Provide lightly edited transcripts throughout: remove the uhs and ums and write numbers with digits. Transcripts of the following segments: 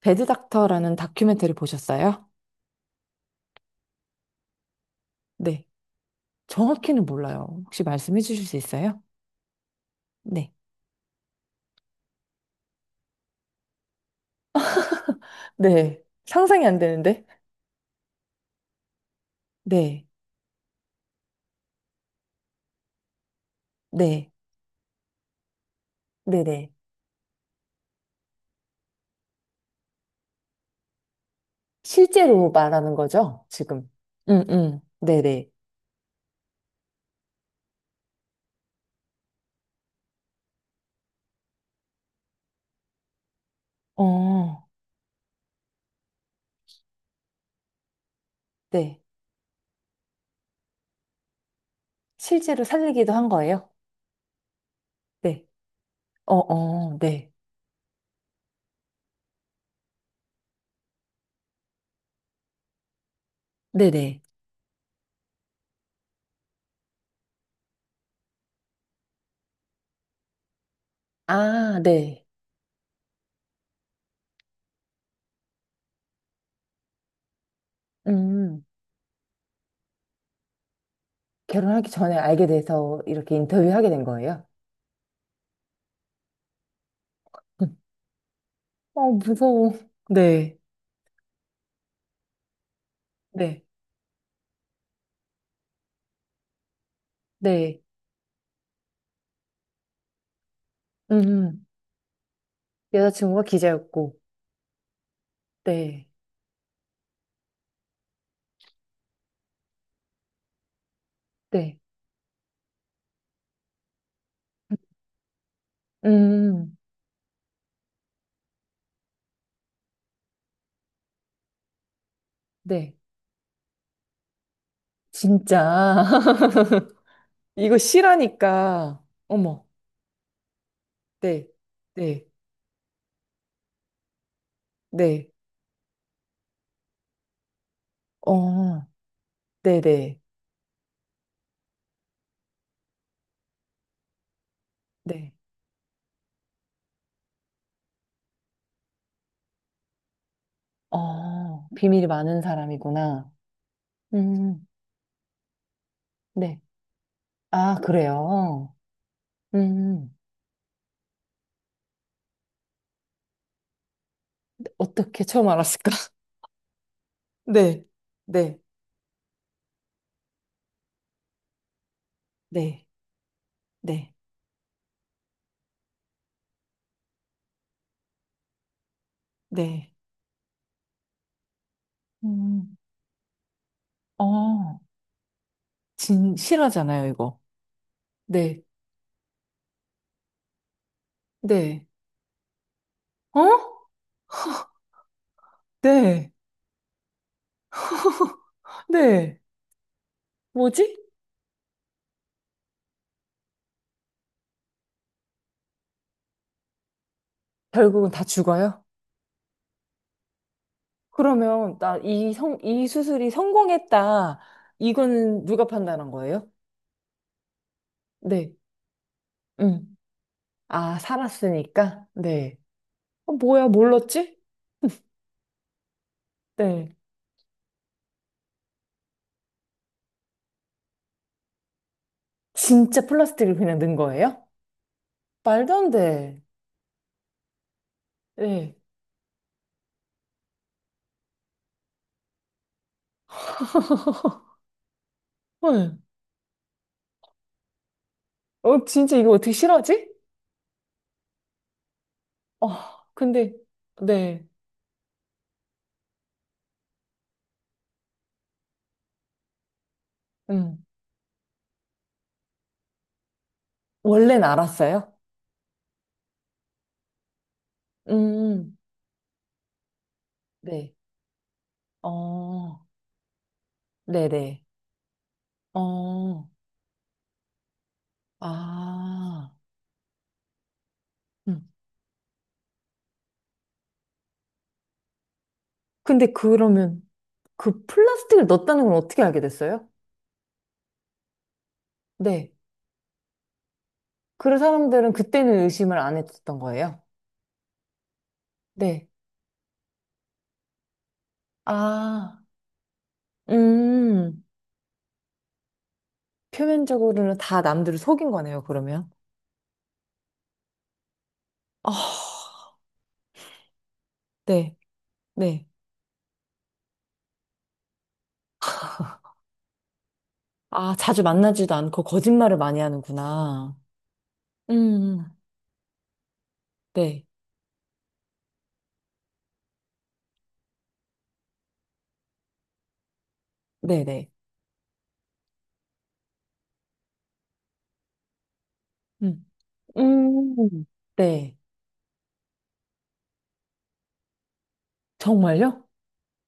배드닥터라는 다큐멘터리 보셨어요? 네. 정확히는 몰라요. 혹시 말씀해 주실 수 있어요? 네. 네. 상상이 안 되는데? 네. 네. 네네. 실제로 말하는 거죠, 지금? 음, 음. 네네. 어, 네. 실제로 살리기도 한 거예요? 네. 어, 어, 네. 네네. 아, 네. 음. 결혼하기 전에 알게 돼서 이렇게 인터뷰하게 된 거예요? 어, 무서워. 네. 네. 네. 음. 여자친구가 기자였고, 네, 네, 음, 음. 네, 진짜. 이거 실하니까, 어머, 네, 네, 네, 어, 네, 네, 네, 어, 비밀이 많은 사람이구나. 음, 음. 네, 아, 그래요. 음, 음. 어떻게 처음 알았을까? 네, 네, 네, 네, 네, 음, 어, 진, 실하잖아요, 이거. 네, 네, 어? 네. 네. 뭐지? 결국은 다 죽어요? 그러면 나 이 성, 이 수술이 성공했다. 이거는 누가 판단한 거예요? 네. 음. 아, 살았으니까? 네. 어, 뭐야, 몰랐지? 네. 진짜 플라스틱을 그냥 넣은 거예요? 말도 안 돼. 네. 헐. 어, 진짜 이거 어떻게 싫어하지? 어, 근데, 네. 음. 원래는 알았어요? 음. 네. 어, 네네. 어, 아. 음. 근데 그러면 그 플라스틱을 넣었다는 걸 어떻게 알게 됐어요? 네. 그래서 사람들은 그때는 의심을 안 했었던 거예요. 네. 아, 음. 표면적으로는 다 남들을 속인 거네요, 그러면. 아, 네, 네. 아, 자주 만나지도 않고 거짓말을 많이 하는구나. 음, 네, 네, 네. 음, 음, 네. 정말요?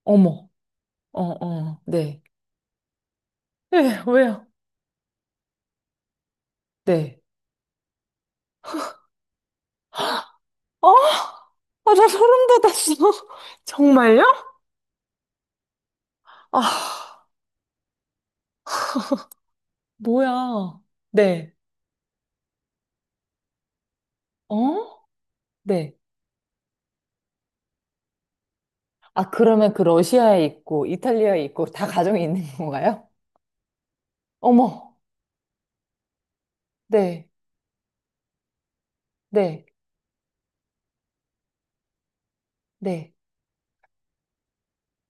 어머, 어, 어, 네. 예, 왜요? 네. 어? 아, 나 소름 돋았어. 정말요? 아, 뭐야. 네. 어? 네. 아, 그러면 그 러시아에 있고, 이탈리아에 있고, 다 가정이 있는 건가요? 어머, 네, 네, 네.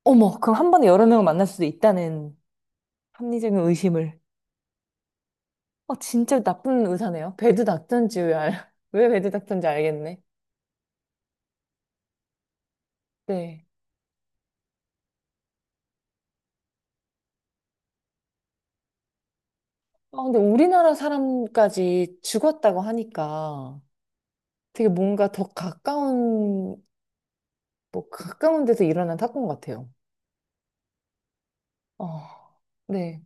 어머, 그럼 한 번에 여러 명을 만날 수도 있다는 합리적인 의심을. 어, 진짜 나쁜 의사네요. 배드 닥터인지 왜, 알... 왜 배드 닥터인지 알겠네. 네. 아, 근데 우리나라 사람까지 죽었다고 하니까 되게 뭔가 더 가까운 뭐 가까운 데서 일어난 사건 같아요. 어, 네.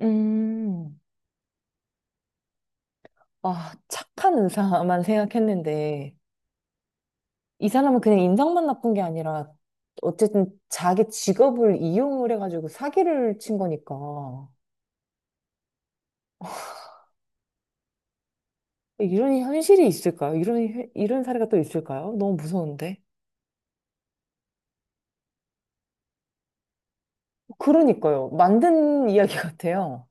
음, 아, 착한 의사만 생각했는데, 이 사람은 그냥 인상만 나쁜 게 아니라, 어쨌든 자기 직업을 이용을 해가지고 사기를 친 거니까. 이런 현실이 있을까요? 이런, 현- 이런 사례가 또 있을까요? 너무 무서운데. 그러니까요. 만든 이야기 같아요.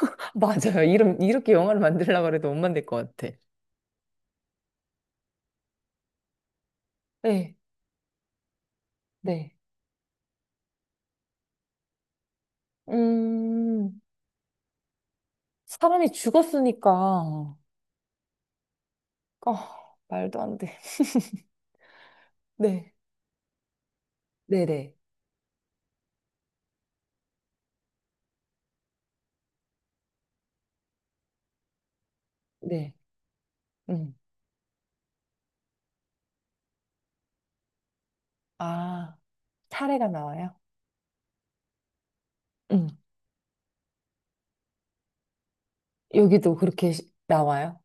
맞아요. 이런, 이렇게 영화를 만들려고 해도 못 만들 것 같아. 네, 네. 음. 사람이 죽었으니까. 아, 말도 안 돼. 네, 네네. 네. 음. 아, 사례가 나와요? 음. 여기도 그렇게 시- 나와요?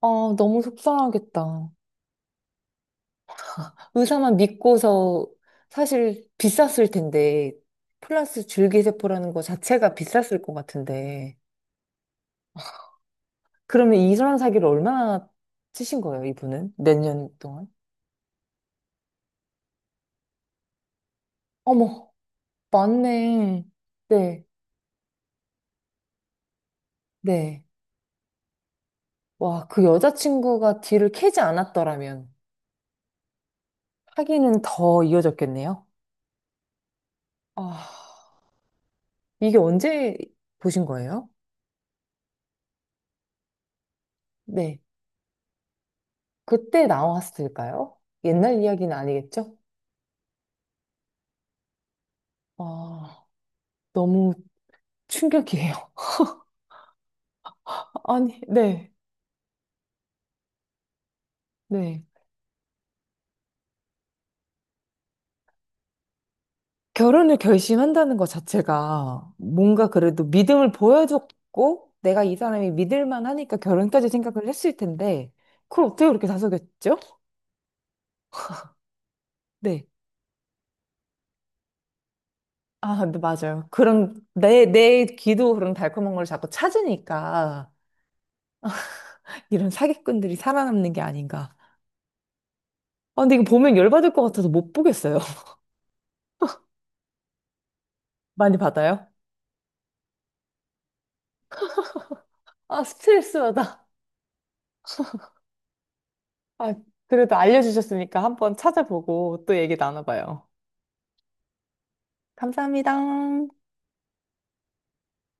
아, 너무 속상하겠다. 의사만 믿고서 사실 비쌌을 텐데, 플러스 줄기세포라는 거 자체가 비쌌을 것 같은데. 그러면 이런 사기를 얼마나 치신 거예요, 이분은? 몇 년 동안? 어머, 맞네. 네, 네. 와, 그 여자친구가 뒤를 캐지 않았더라면 사귀는 더 이어졌겠네요. 아, 이게 언제 보신 거예요? 네. 그때 나왔을까요? 옛날 이야기는 아니겠죠? 아, 너무 충격이에요. 아니, 네, 네. 결혼을 결심한다는 것 자체가 뭔가 그래도 믿음을 보여줬고 내가 이 사람이 믿을 만하니까 결혼까지 생각을 했을 텐데 그걸 어떻게 그렇게 다속였죠? 네. 아, 근데 맞아요. 그런 내 귀도 그런 달콤한 걸 자꾸 찾으니까 이런 사기꾼들이 살아남는 게 아닌가. 아, 근데 이거 보면 열받을 것 같아서 못 보겠어요. 많이 받아요? 아, 스트레스 받아. 아, 그래도 알려주셨으니까 한번 찾아보고 또 얘기 나눠봐요. 감사합니다.